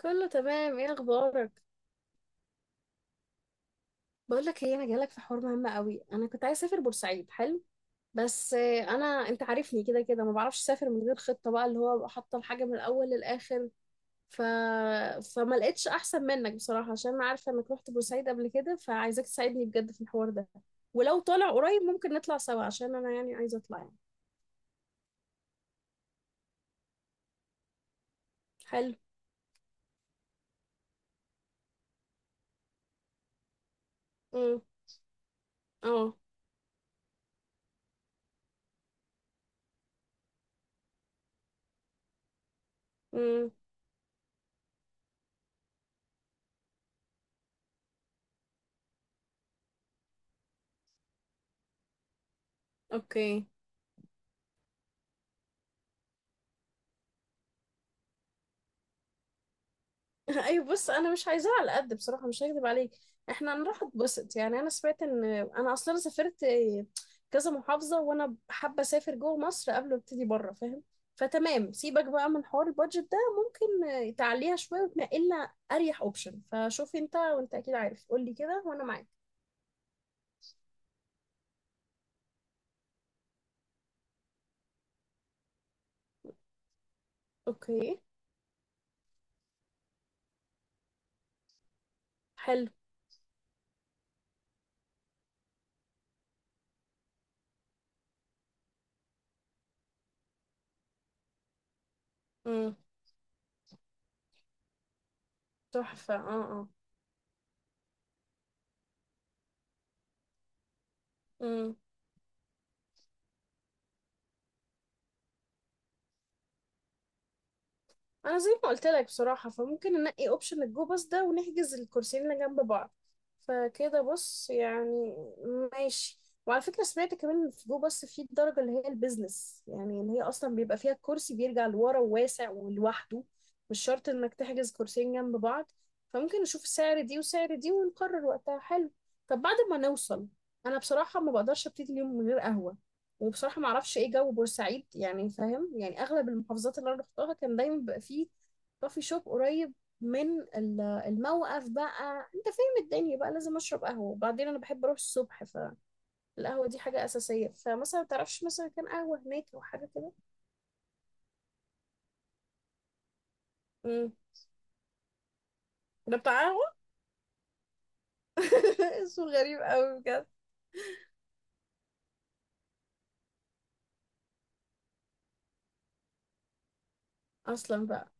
كله تمام، ايه اخبارك؟ بقول لك ايه، انا جايلك في حوار مهم قوي. انا كنت عايز اسافر بورسعيد. حلو. بس انت عارفني كده كده، ما بعرفش اسافر من غير خطه بقى، اللي هو ابقى حاطه الحاجه من الاول للاخر. ف... فما لقيتش احسن منك بصراحه، عشان انا عارفه انك رحت بورسعيد قبل كده، فعايزاك تساعدني بجد في الحوار ده. ولو طالع قريب ممكن نطلع سوا، عشان انا يعني عايزه اطلع يعني. حلو. امم. اه. امم. اوكي. ايوه، بص انا مش عايزاها على قد بصراحه، مش هكذب عليك. احنا هنروح اتبسط يعني. انا سمعت ان انا اصلا سافرت كذا محافظه، وانا حابه اسافر جوه مصر قبل ما ابتدي بره، فاهم؟ فتمام، سيبك بقى من حوار البادجت ده، ممكن تعليها شويه وتنقلنا اريح اوبشن. فشوف انت، وانت اكيد عارف، قول لي كده وانا معاك. اوكي. حلو. امم. تحفه. اه. اه. انا زي ما قلت لك بصراحه، فممكن ننقي اوبشن الجو باص ده ونحجز الكرسيين اللي جنب بعض. فكده بص يعني. ماشي. وعلى فكره سمعت كمان إن في جو باص في الدرجه اللي هي البيزنس، يعني اللي هي اصلا بيبقى فيها الكرسي بيرجع لورا وواسع ولوحده. مش شرط انك تحجز كرسيين جنب بعض. فممكن نشوف السعر دي وسعر دي ونقرر وقتها. حلو. طب بعد ما نوصل، انا بصراحه ما بقدرش ابتدي اليوم من غير قهوه. وبصراحه ما اعرفش ايه جو بورسعيد يعني، فاهم؟ يعني اغلب المحافظات اللي انا رحتها كان دايما بيبقى فيه كوفي شوب قريب من الموقف بقى، انت فاهم، الدنيا بقى لازم اشرب قهوه. وبعدين انا بحب اروح الصبح. فالقهوه دي حاجه اساسيه، فمثلا ما تعرفش مثلا كان قهوه هناك او حاجه كده؟ امم. ده بتاع قهوه. اسمه غريب قوي بجد اصلا بقى.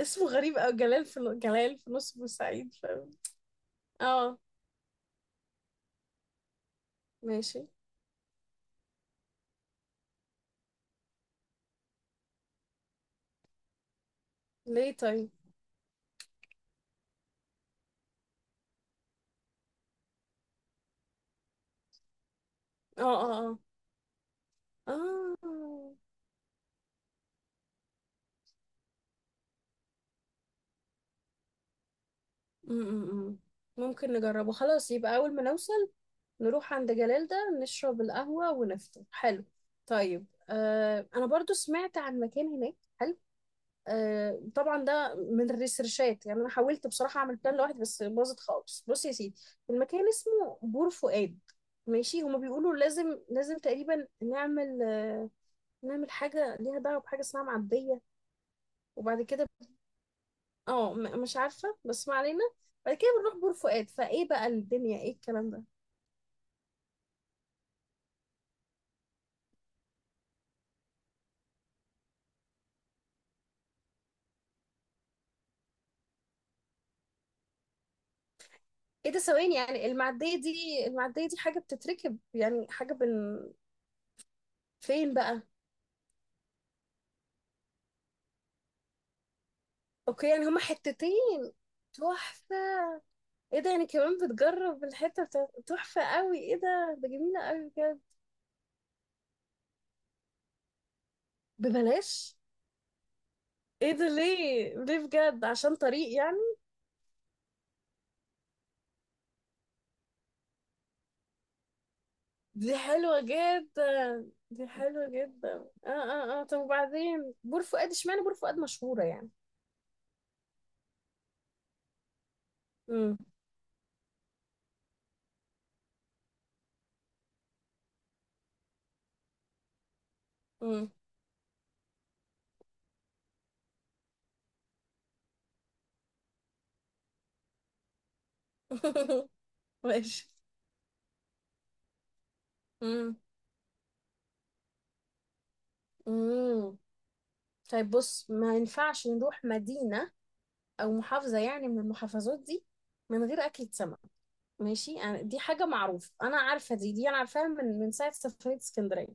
اسمه غريب قوي. جلال في جلال في نص بورسعيد، فاهم؟ اه. ماشي. ليه طيب؟ اه. اه. اه. اه. م-م-م. ممكن نجربه، خلاص يبقى أول ما نوصل نروح عند جلال ده، نشرب القهوة ونفطر. حلو. طيب، أنا برضو سمعت عن مكان هناك حلو. طبعا ده من الريسيرشات، يعني أنا حاولت بصراحة أعمل بلان لوحدي بس باظت خالص. بص يا سيدي، المكان اسمه بور فؤاد. ماشي، هما بيقولوا لازم لازم تقريبا نعمل نعمل حاجة ليها دعوة بحاجة اسمها معدية، وبعد كده اه، مش عارفه، بس ما علينا. بعد كده بنروح بور فؤاد، فايه بقى الدنيا؟ ايه الكلام ده؟ ايه ده؟ ثواني يعني؟ المعديه دي حاجه بتتركب يعني، حاجه فين بقى؟ اوكي، يعني هما حتتين. تحفه. ايه ده يعني؟ كمان بتجرب الحته بتاعت؟ تحفه قوي. ايه ده جميله قوي بجد. ببلاش؟ ايه ده؟ ليه ليه بجد؟ عشان طريق يعني؟ دي حلوه جدا، دي حلوه جدا. اه. اه. اه. طب وبعدين بور فؤاد اشمعنى بور فؤاد مشهوره يعني؟ مم. ماشي. مم. مم. طيب بص، ما ينفعش نروح مدينة أو محافظة يعني من المحافظات دي من غير أكلة سمك. ماشي، يعني دي حاجة معروفة، أنا عارفة دي، أنا عارفاها من ساعة سفرية اسكندرية.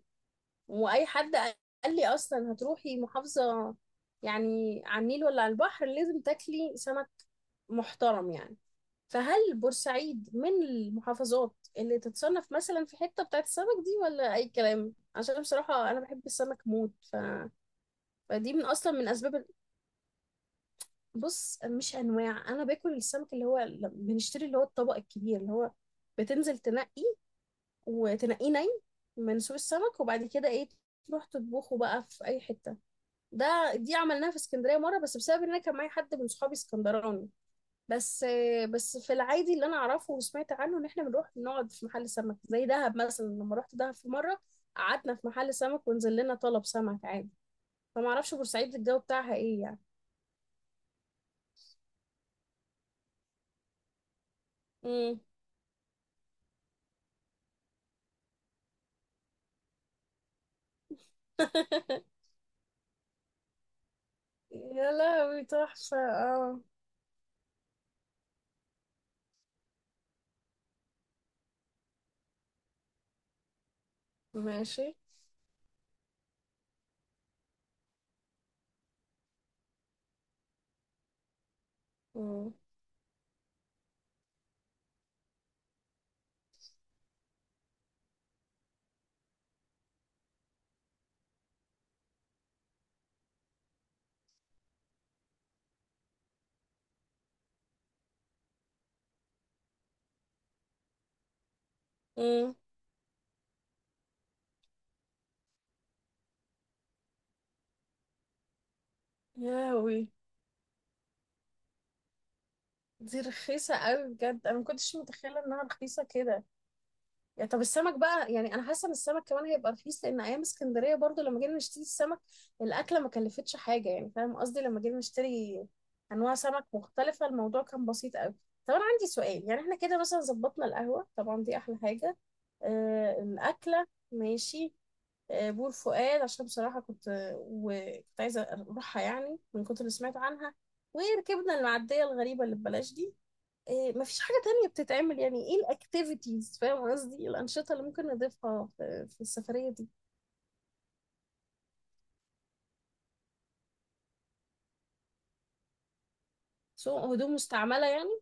وأي حد قال لي أصلا هتروحي محافظة يعني على النيل ولا على البحر لازم تاكلي سمك محترم يعني. فهل بورسعيد من المحافظات اللي تتصنف مثلا في حتة بتاعت السمك دي ولا أي كلام؟ عشان بصراحة أنا بحب السمك موت. فدي من أصلا من أسباب بص، مش أنواع، أنا باكل السمك اللي هو بنشتري اللي هو الطبق الكبير اللي هو بتنزل تنقي، وتنقيه من سوق السمك، وبعد كده إيه؟ تروح تطبخه بقى في أي حتة. دي عملناها في اسكندرية مرة، بس بسبب إن أنا كان معايا حد من صحابي اسكندراني. بس بس في العادي اللي انا اعرفه وسمعت عنه ان احنا بنروح نقعد في محل سمك زي دهب مثلا. لما رحت دهب في مره، قعدنا في محل سمك ونزل لنا طلب سمك عادي. فما اعرفش بورسعيد الجو بتاعها ايه يعني. امم. يا لهوي تحفه. اه. ماشي. امم. امم. يا لهوي. دي رخيصه قوي بجد. انا ما كنتش متخيله انها رخيصه كده. يعني طب السمك بقى، يعني انا حاسه ان السمك كمان هيبقى رخيص. لان ايام اسكندريه برضو لما جينا نشتري السمك، الاكله ما كلفتش حاجه، يعني فاهم قصدي؟ لما جينا نشتري انواع سمك مختلفه الموضوع كان بسيط قوي. طب انا عندي سؤال. يعني احنا كده مثلا ظبطنا القهوه طبعا دي احلى حاجه، الاكله ماشي، بور فؤاد عشان بصراحه كنت وكنت عايزه اروحها، يعني من كتر اللي سمعت عنها. وركبنا المعديه الغريبه اللي ببلاش دي. إيه، مفيش حاجة تانية بتتعمل؟ يعني ايه الاكتيفيتيز، فاهم قصدي؟ إيه الأنشطة اللي ممكن نضيفها في السفرية دي؟ سوق هدوم مستعملة يعني؟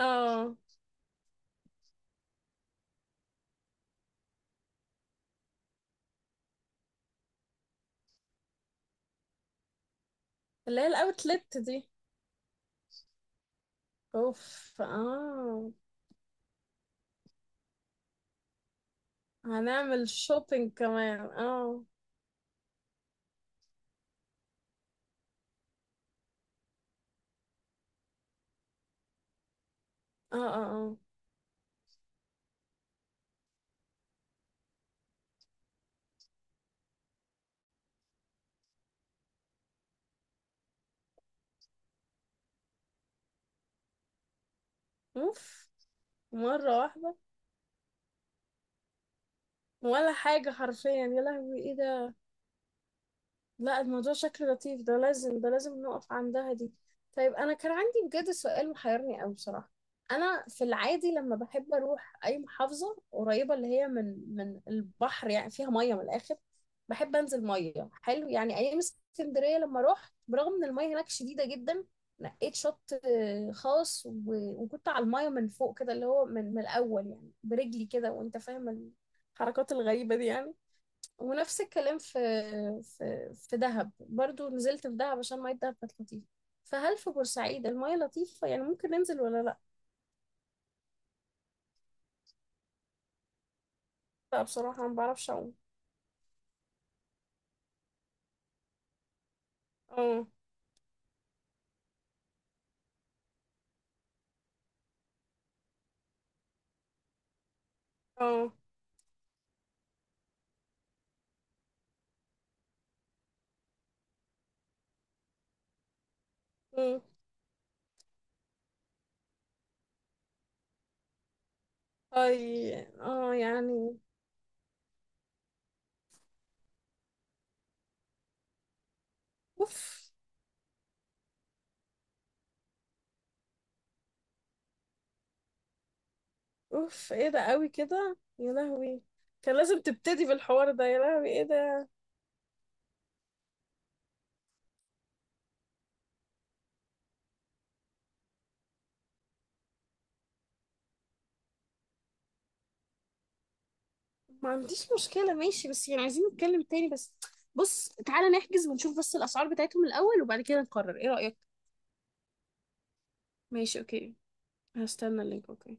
اه. اللي هي الاوتلت دي. اوف. اه. هنعمل شوبينج كمان. اه. اه. اه. اه. اوف. مرة واحدة. ولا حاجة حرفيا، يا لهوي ايه ده؟ لا الموضوع شكله لطيف. ده لازم، ده لازم نقف عندها دي. طيب انا كان عندي بجد سؤال محيرني قوي بصراحه. انا في العادي لما بحب اروح اي محافظه قريبه اللي هي من البحر يعني فيها ميه من الاخر. بحب انزل ميه، حلو يعني. ايام اسكندريه لما رحت، برغم ان الميه هناك شديده جدا، نقيت شط خاص، وكنت على الميه من فوق كده اللي هو من الاول يعني برجلي كده، وانت فاهم الحركات الغريبه دي يعني. ونفس الكلام في دهب برضو. نزلت في دهب عشان مية دهب كانت لطيفة. فهل في بورسعيد المية لطيفة يعني، ممكن ننزل ولا لا؟ لا، بصراحة ما بعرفش أعوم. اه. اه. مم. اي. اه يعني. اوف اوف، ايه ده قوي كده يا لهوي. كان لازم تبتدي بالحوار ده يا لهوي، ايه ده. ما عنديش مشكلة ماشي، بس يعني عايزين نتكلم تاني بس. بص تعالى نحجز ونشوف بس الأسعار بتاعتهم الأول، وبعد كده نقرر. ايه رأيك؟ ماشي. اوكي. هستنى اللينك. اوكي.